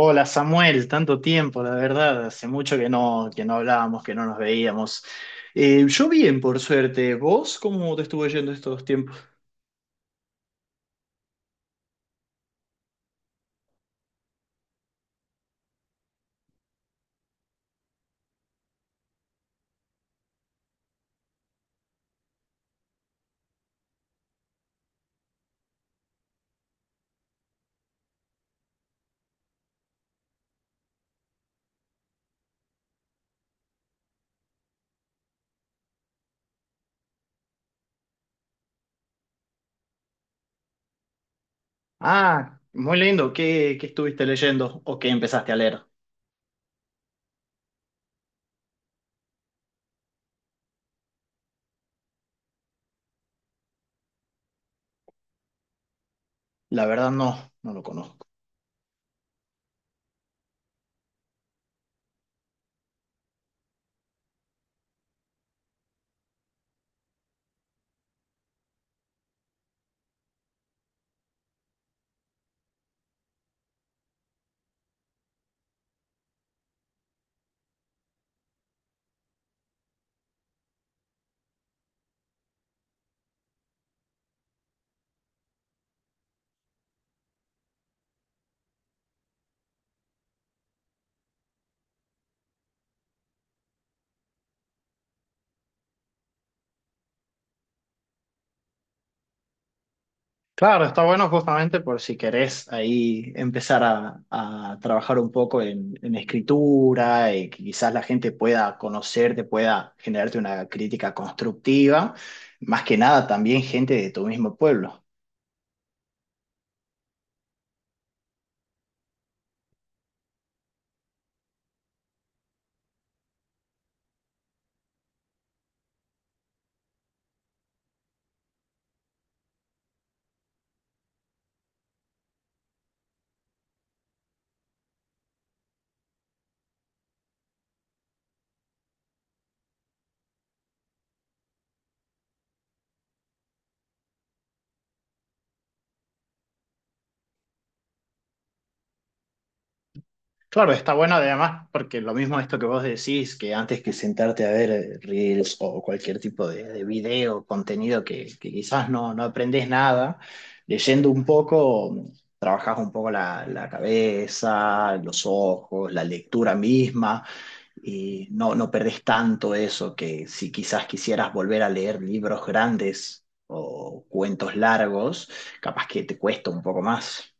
Hola Samuel, tanto tiempo, la verdad, hace mucho que no hablábamos, que no nos veíamos. Yo bien, por suerte. ¿Vos cómo te estuvo yendo estos tiempos? Ah, muy lindo. ¿Qué estuviste leyendo o qué empezaste a leer? La verdad no lo conozco. Claro, está bueno justamente por si querés ahí empezar a trabajar un poco en escritura y que quizás la gente pueda conocerte, pueda generarte una crítica constructiva. Más que nada también gente de tu mismo pueblo. Claro, está bueno además, porque lo mismo esto que vos decís, que antes que sentarte a ver reels o cualquier tipo de video, contenido que quizás no aprendes nada, leyendo un poco, trabajás un poco la cabeza, los ojos, la lectura misma, y no perdés tanto eso que si quizás quisieras volver a leer libros grandes o cuentos largos, capaz que te cuesta un poco más.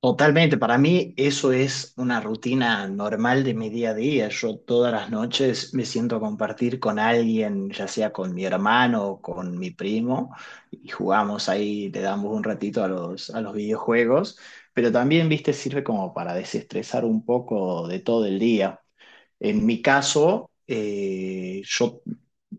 Totalmente, para mí eso es una rutina normal de mi día a día. Yo todas las noches me siento a compartir con alguien, ya sea con mi hermano o con mi primo, y jugamos ahí, le damos un ratito a los videojuegos, pero también, viste, sirve como para desestresar un poco de todo el día. En mi caso, yo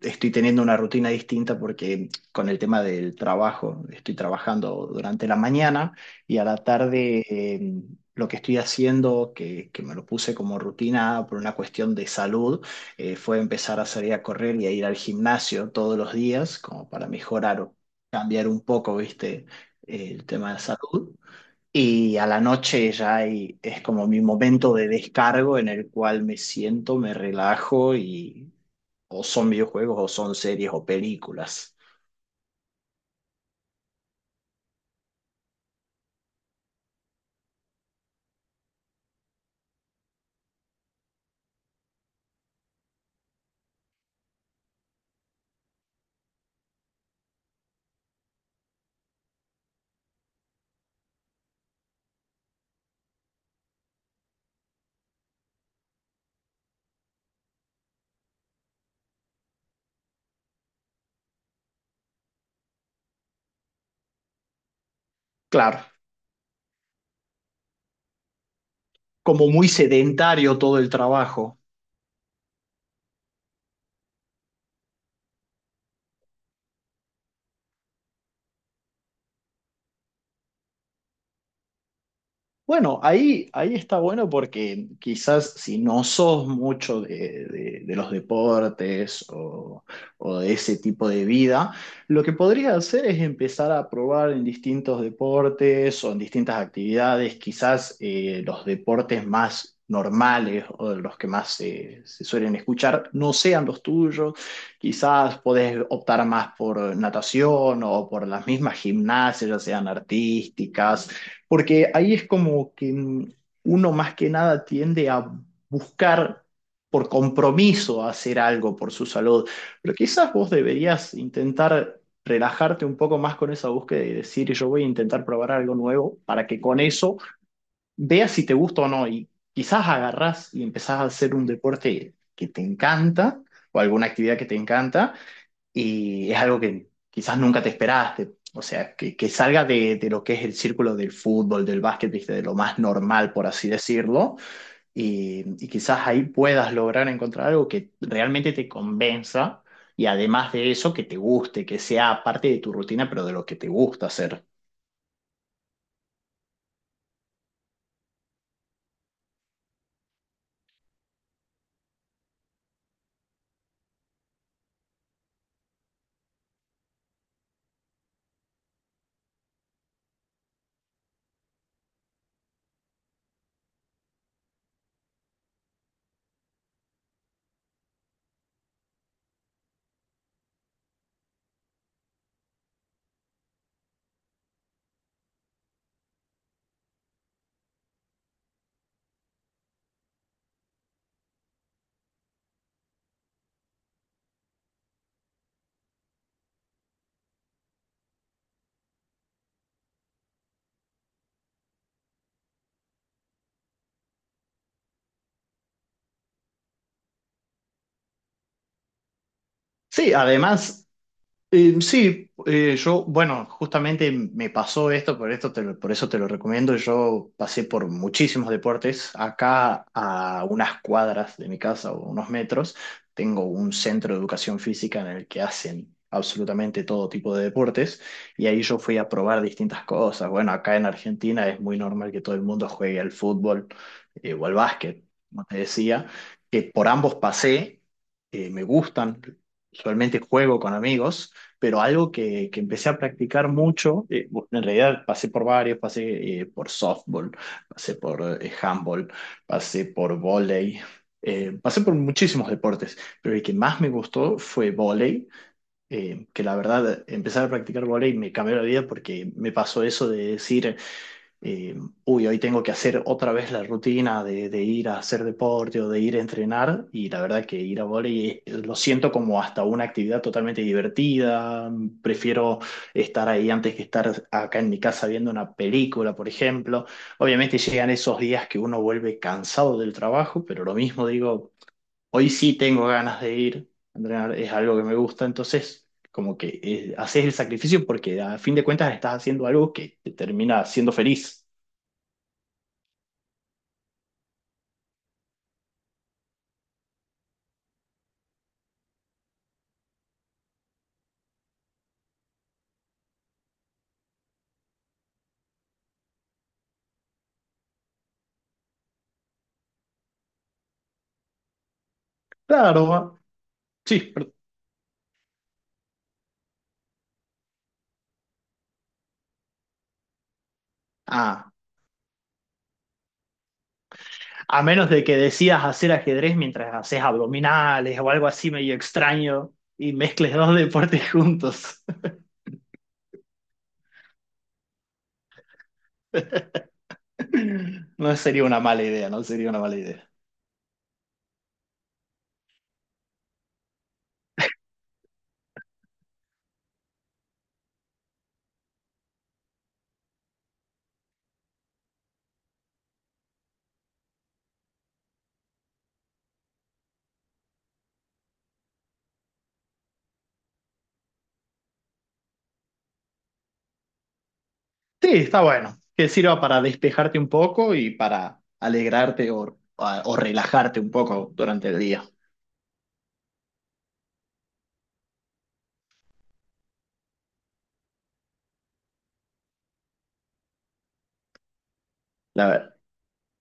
estoy teniendo una rutina distinta porque con el tema del trabajo, estoy trabajando durante la mañana y a la tarde lo que estoy haciendo, que me lo puse como rutina por una cuestión de salud, fue empezar a salir a correr y a ir al gimnasio todos los días como para mejorar o cambiar un poco, ¿viste? El tema de salud. Y a la noche ya es como mi momento de descargo en el cual me siento, me relajo y o son videojuegos o son series o películas. Claro, como muy sedentario todo el trabajo. Bueno, ahí está bueno porque quizás si no sos mucho de, de los deportes o de ese tipo de vida, lo que podrías hacer es empezar a probar en distintos deportes o en distintas actividades, quizás los deportes más normales o los que más se suelen escuchar no sean los tuyos, quizás podés optar más por natación o por las mismas gimnasias, ya sean artísticas porque ahí es como que uno más que nada tiende a buscar por compromiso hacer algo por su salud. Pero quizás vos deberías intentar relajarte un poco más con esa búsqueda y decir, yo voy a intentar probar algo nuevo para que con eso veas si te gusta o no. Y quizás agarrás y empezás a hacer un deporte que te encanta o alguna actividad que te encanta y es algo que quizás nunca te esperaste. O sea, que salga de lo que es el círculo del fútbol, del básquet, viste, de lo más normal, por así decirlo, y quizás ahí puedas lograr encontrar algo que realmente te convenza y además de eso, que te guste, que sea parte de tu rutina, pero de lo que te gusta hacer. Sí, además... Sí, yo, bueno, justamente me pasó esto, por esto por eso te lo recomiendo. Yo pasé por muchísimos deportes. Acá a unas cuadras de mi casa o unos metros, tengo un centro de educación física en el que hacen absolutamente todo tipo de deportes y ahí yo fui a probar distintas cosas. Bueno, acá en Argentina es muy normal que todo el mundo juegue al fútbol o al básquet, como te decía, que por ambos pasé, me gustan. Usualmente juego con amigos pero algo que empecé a practicar mucho, en realidad pasé por varios, pasé por softball, pasé por handball, pasé por vóley, pasé por muchísimos deportes, pero el que más me gustó fue vóley, que la verdad empezar a practicar vóley me cambió la vida porque me pasó eso de decir eh, uy, hoy tengo que hacer otra vez la rutina de ir a hacer deporte o de ir a entrenar, y la verdad que ir a volei lo siento como hasta una actividad totalmente divertida, prefiero estar ahí antes que estar acá en mi casa viendo una película, por ejemplo. Obviamente llegan esos días que uno vuelve cansado del trabajo, pero lo mismo digo, hoy sí tengo ganas de ir a entrenar, es algo que me gusta, entonces... Como que haces el sacrificio porque a fin de cuentas estás haciendo algo que te termina haciendo feliz. Claro, sí, pero- ah, a menos de que decidas hacer ajedrez mientras haces abdominales o algo así medio extraño y mezcles dos deportes juntos. No sería una mala idea, no sería una mala idea. Sí, está bueno, que sirva para despejarte un poco y para alegrarte o, o relajarte un poco durante el día. La,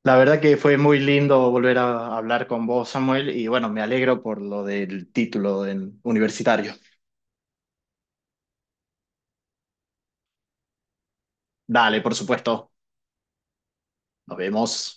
la verdad que fue muy lindo volver a hablar con vos, Samuel, y bueno, me alegro por lo del título universitario. Dale, por supuesto. Nos vemos.